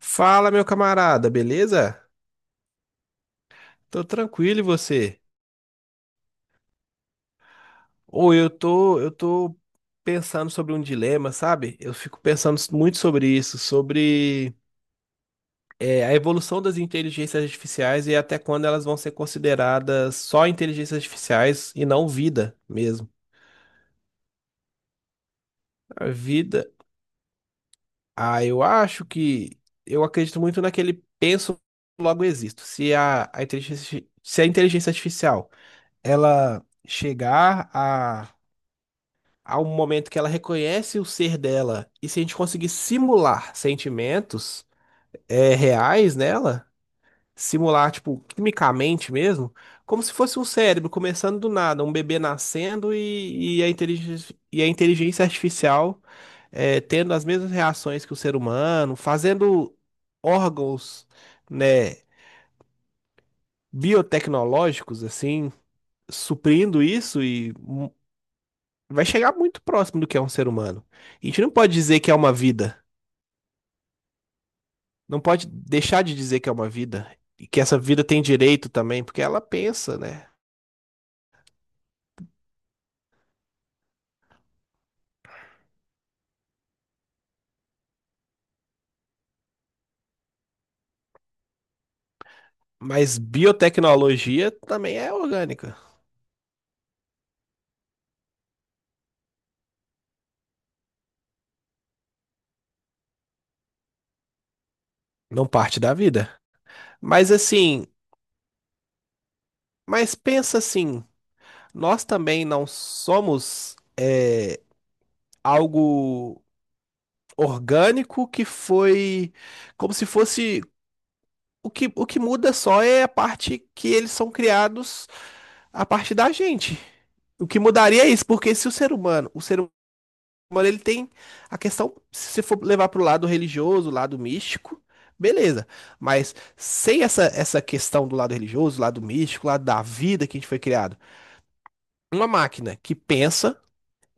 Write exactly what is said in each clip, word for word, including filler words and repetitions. Fala, meu camarada, beleza? Tô tranquilo e você? Ou eu tô, eu tô pensando sobre um dilema, sabe? Eu fico pensando muito sobre isso, sobre é, a evolução das inteligências artificiais e até quando elas vão ser consideradas só inteligências artificiais e não vida mesmo. A vida, ah, eu acho que eu acredito muito naquele penso logo existo. Se a, a inteligência, se a inteligência artificial ela chegar a... Há um momento que ela reconhece o ser dela. E se a gente conseguir simular sentimentos é, reais nela, simular, tipo, quimicamente mesmo, como se fosse um cérebro começando do nada, um bebê nascendo e, e a inteligência, e a inteligência artificial é, tendo as mesmas reações que o ser humano, fazendo órgãos, né, biotecnológicos, assim, suprindo isso e hum, vai chegar muito próximo do que é um ser humano. A gente não pode dizer que é uma vida. Não pode deixar de dizer que é uma vida e que essa vida tem direito também, porque ela pensa, né? Mas biotecnologia também é orgânica, não parte da vida. Mas assim, mas pensa assim, nós também não somos é, algo orgânico que foi, como se fosse, o que, o que muda só é a parte que eles são criados a partir da gente. O que mudaria é isso, porque se o ser humano, o ser Mano, ele tem a questão, se você for levar pro lado religioso, lado místico, beleza. Mas sem essa, essa questão do lado religioso, lado místico, lado da vida que a gente foi criado, uma máquina que pensa,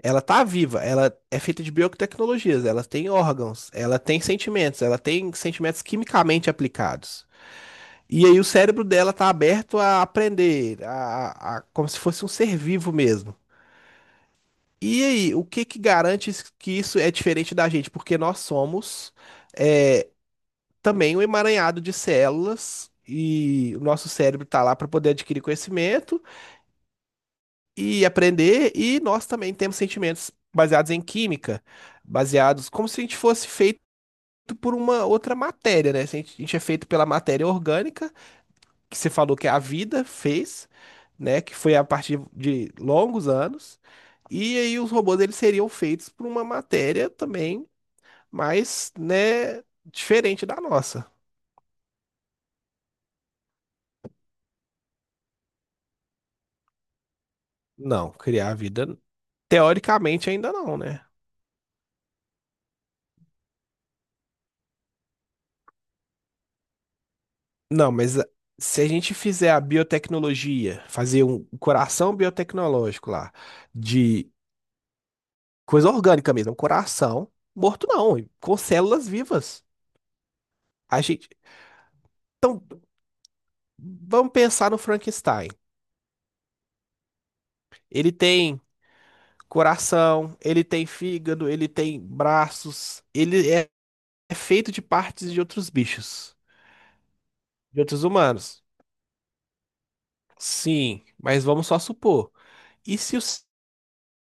ela tá viva, ela é feita de biotecnologias, ela tem órgãos, ela tem sentimentos, ela tem sentimentos quimicamente aplicados. E aí o cérebro dela tá aberto a aprender, a, a- como se fosse um ser vivo mesmo. E aí, o que que garante is- que isso é diferente da gente? Porque nós somos é, também um emaranhado de células e o nosso cérebro está lá para poder adquirir conhecimento e aprender, e nós também temos sentimentos baseados em química, baseados como se a gente fosse feito por uma outra matéria, né? Se A gente a gente é feito pela matéria orgânica que você falou que a vida fez, né? Que foi a partir de longos anos. E aí os robôs eles seriam feitos por uma matéria também mais, né, diferente da nossa. Não, criar a vida teoricamente ainda não, né? Não, mas a- se a gente fizer a biotecnologia, fazer um coração biotecnológico lá, de coisa orgânica mesmo, um coração morto não, com células vivas. A gente, então, vamos pensar no Frankenstein. Ele tem coração, ele tem fígado, ele tem braços, ele é, é feito de partes de outros bichos, de outros humanos. Sim, mas vamos só supor. E se o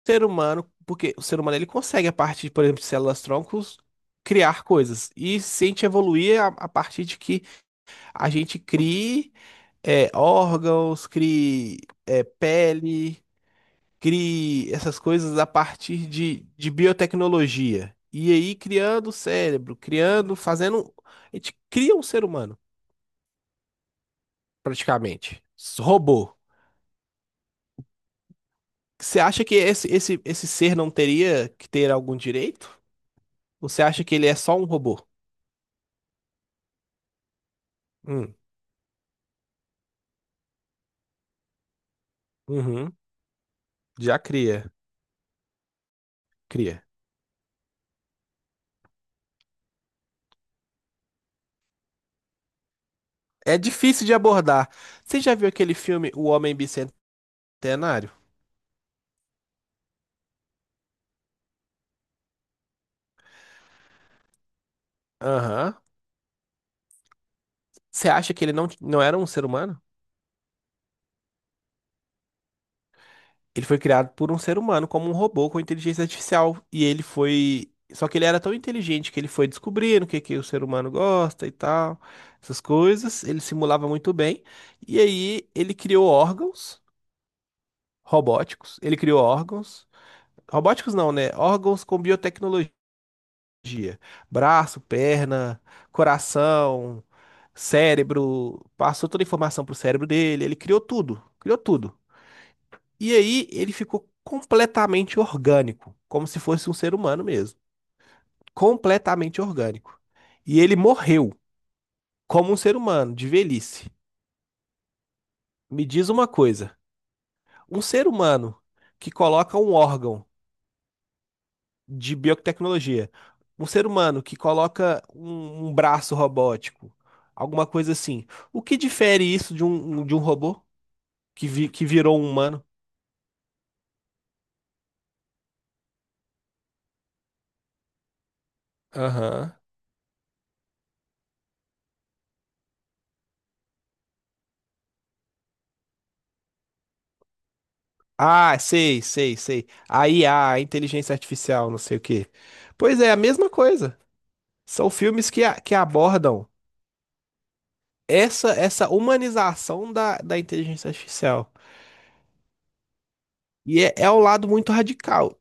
ser humano, porque o ser humano ele consegue a partir, por exemplo, de células troncos criar coisas. E se a gente evoluir a, a partir de que a gente crie é, órgãos, crie é, pele, crie essas coisas a partir de, de biotecnologia. E aí criando o cérebro, criando, fazendo. A gente cria um ser humano, praticamente. Robô. Você acha que esse, esse, esse ser não teria que ter algum direito? Ou você acha que ele é só um robô? Hum. Uhum, já cria, cria. É difícil de abordar. Você já viu aquele filme O Homem Bicentenário? Aham. Você acha que ele não, não era um ser humano? Ele foi criado por um ser humano, como um robô com inteligência artificial. E ele foi. Só que ele era tão inteligente que ele foi descobrindo o que que o ser humano gosta e tal, essas coisas. Ele simulava muito bem. E aí ele criou órgãos robóticos. Ele criou órgãos. Robóticos não, né? Órgãos com biotecnologia. Braço, perna, coração, cérebro. Passou toda a informação pro cérebro dele. Ele criou tudo. Criou tudo. E aí ele ficou completamente orgânico, como se fosse um ser humano mesmo. Completamente orgânico. E ele morreu como um ser humano, de velhice. Me diz uma coisa: um ser humano que coloca um órgão de biotecnologia, um ser humano que coloca um, um braço robótico, alguma coisa assim, o que difere isso de um, de um robô que, vi- que virou um humano? Aham. Ah, sei, sei, sei. A I A, a a inteligência artificial, não sei o quê. Pois é, a mesma coisa. São filmes que, a- que abordam essa essa humanização da, da inteligência artificial. E é, é um lado muito radical.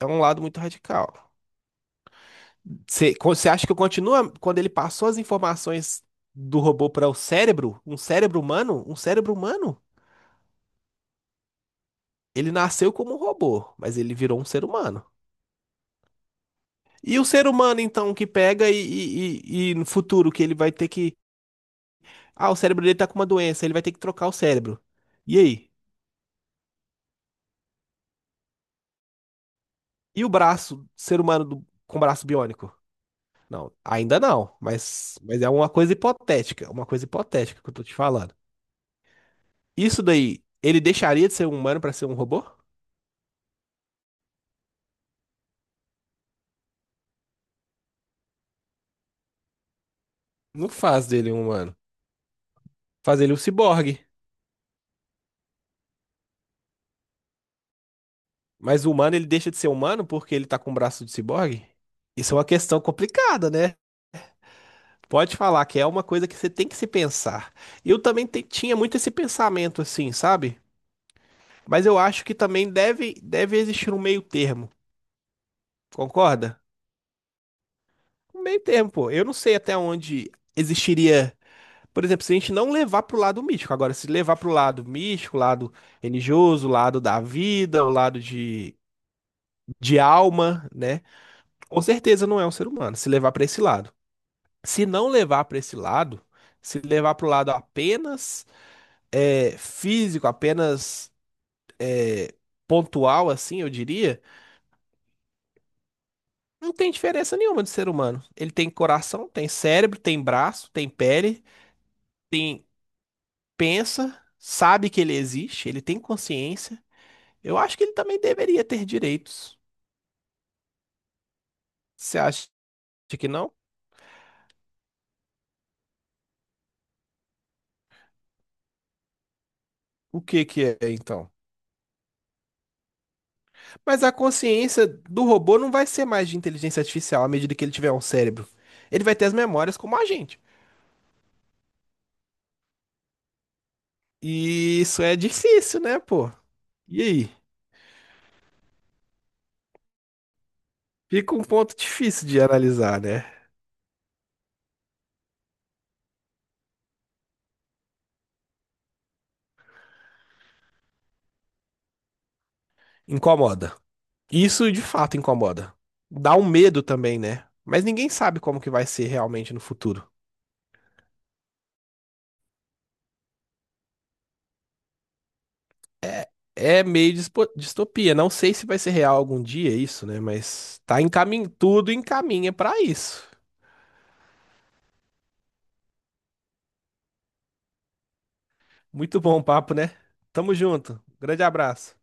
É um lado muito radical. Você co- você acha que eu continuo quando ele passou as informações do robô para o cérebro? Um cérebro humano? Um cérebro humano? Ele nasceu como um robô, mas ele virou um ser humano. E o ser humano, então, que pega e, e, e e no futuro que ele vai ter que... Ah, o cérebro dele tá com uma doença, ele vai ter que trocar o cérebro. E aí? E o braço, ser humano do- com braço biônico? Não, ainda não, mas, mas é uma coisa hipotética, uma coisa hipotética que eu tô te falando. Isso daí, ele deixaria de ser um humano pra ser um robô? Não faz dele um humano, faz ele um ciborgue. Mas o humano, ele deixa de ser humano porque ele tá com o braço de ciborgue? Isso é uma questão complicada, né? Pode falar que é uma coisa que você tem que se pensar. Eu também te- tinha muito esse pensamento assim, sabe? Mas eu acho que também deve, deve existir um meio termo, concorda? Um meio termo, pô. Eu não sei até onde existiria. Por exemplo, se a gente não levar pro lado místico. Agora, se levar pro lado místico, lado religioso, lado da vida, o lado de, de alma, né? Com certeza não é um ser humano, se levar pra esse lado. Se não levar pra esse lado, se levar pro lado apenas é, físico, apenas eh, pontual, assim, eu diria. Não tem diferença nenhuma de ser humano. Ele tem coração, tem cérebro, tem braço, tem pele, tem, pensa, sabe que ele existe, ele tem consciência. Eu acho que ele também deveria ter direitos. Você acha que não? O que que é então? Mas a consciência do robô não vai ser mais de inteligência artificial à medida que ele tiver um cérebro. Ele vai ter as memórias como a gente. E isso é difícil, né, pô? E aí? Fica um ponto difícil de analisar, né? Incomoda. Isso de fato incomoda. Dá um medo também, né? Mas ninguém sabe como que vai ser realmente no futuro. É, é meio dispo- distopia. Não sei se vai ser real algum dia isso, né? Mas tá encamin... tudo encaminha pra isso. Muito bom o papo, né? Tamo junto. Grande abraço.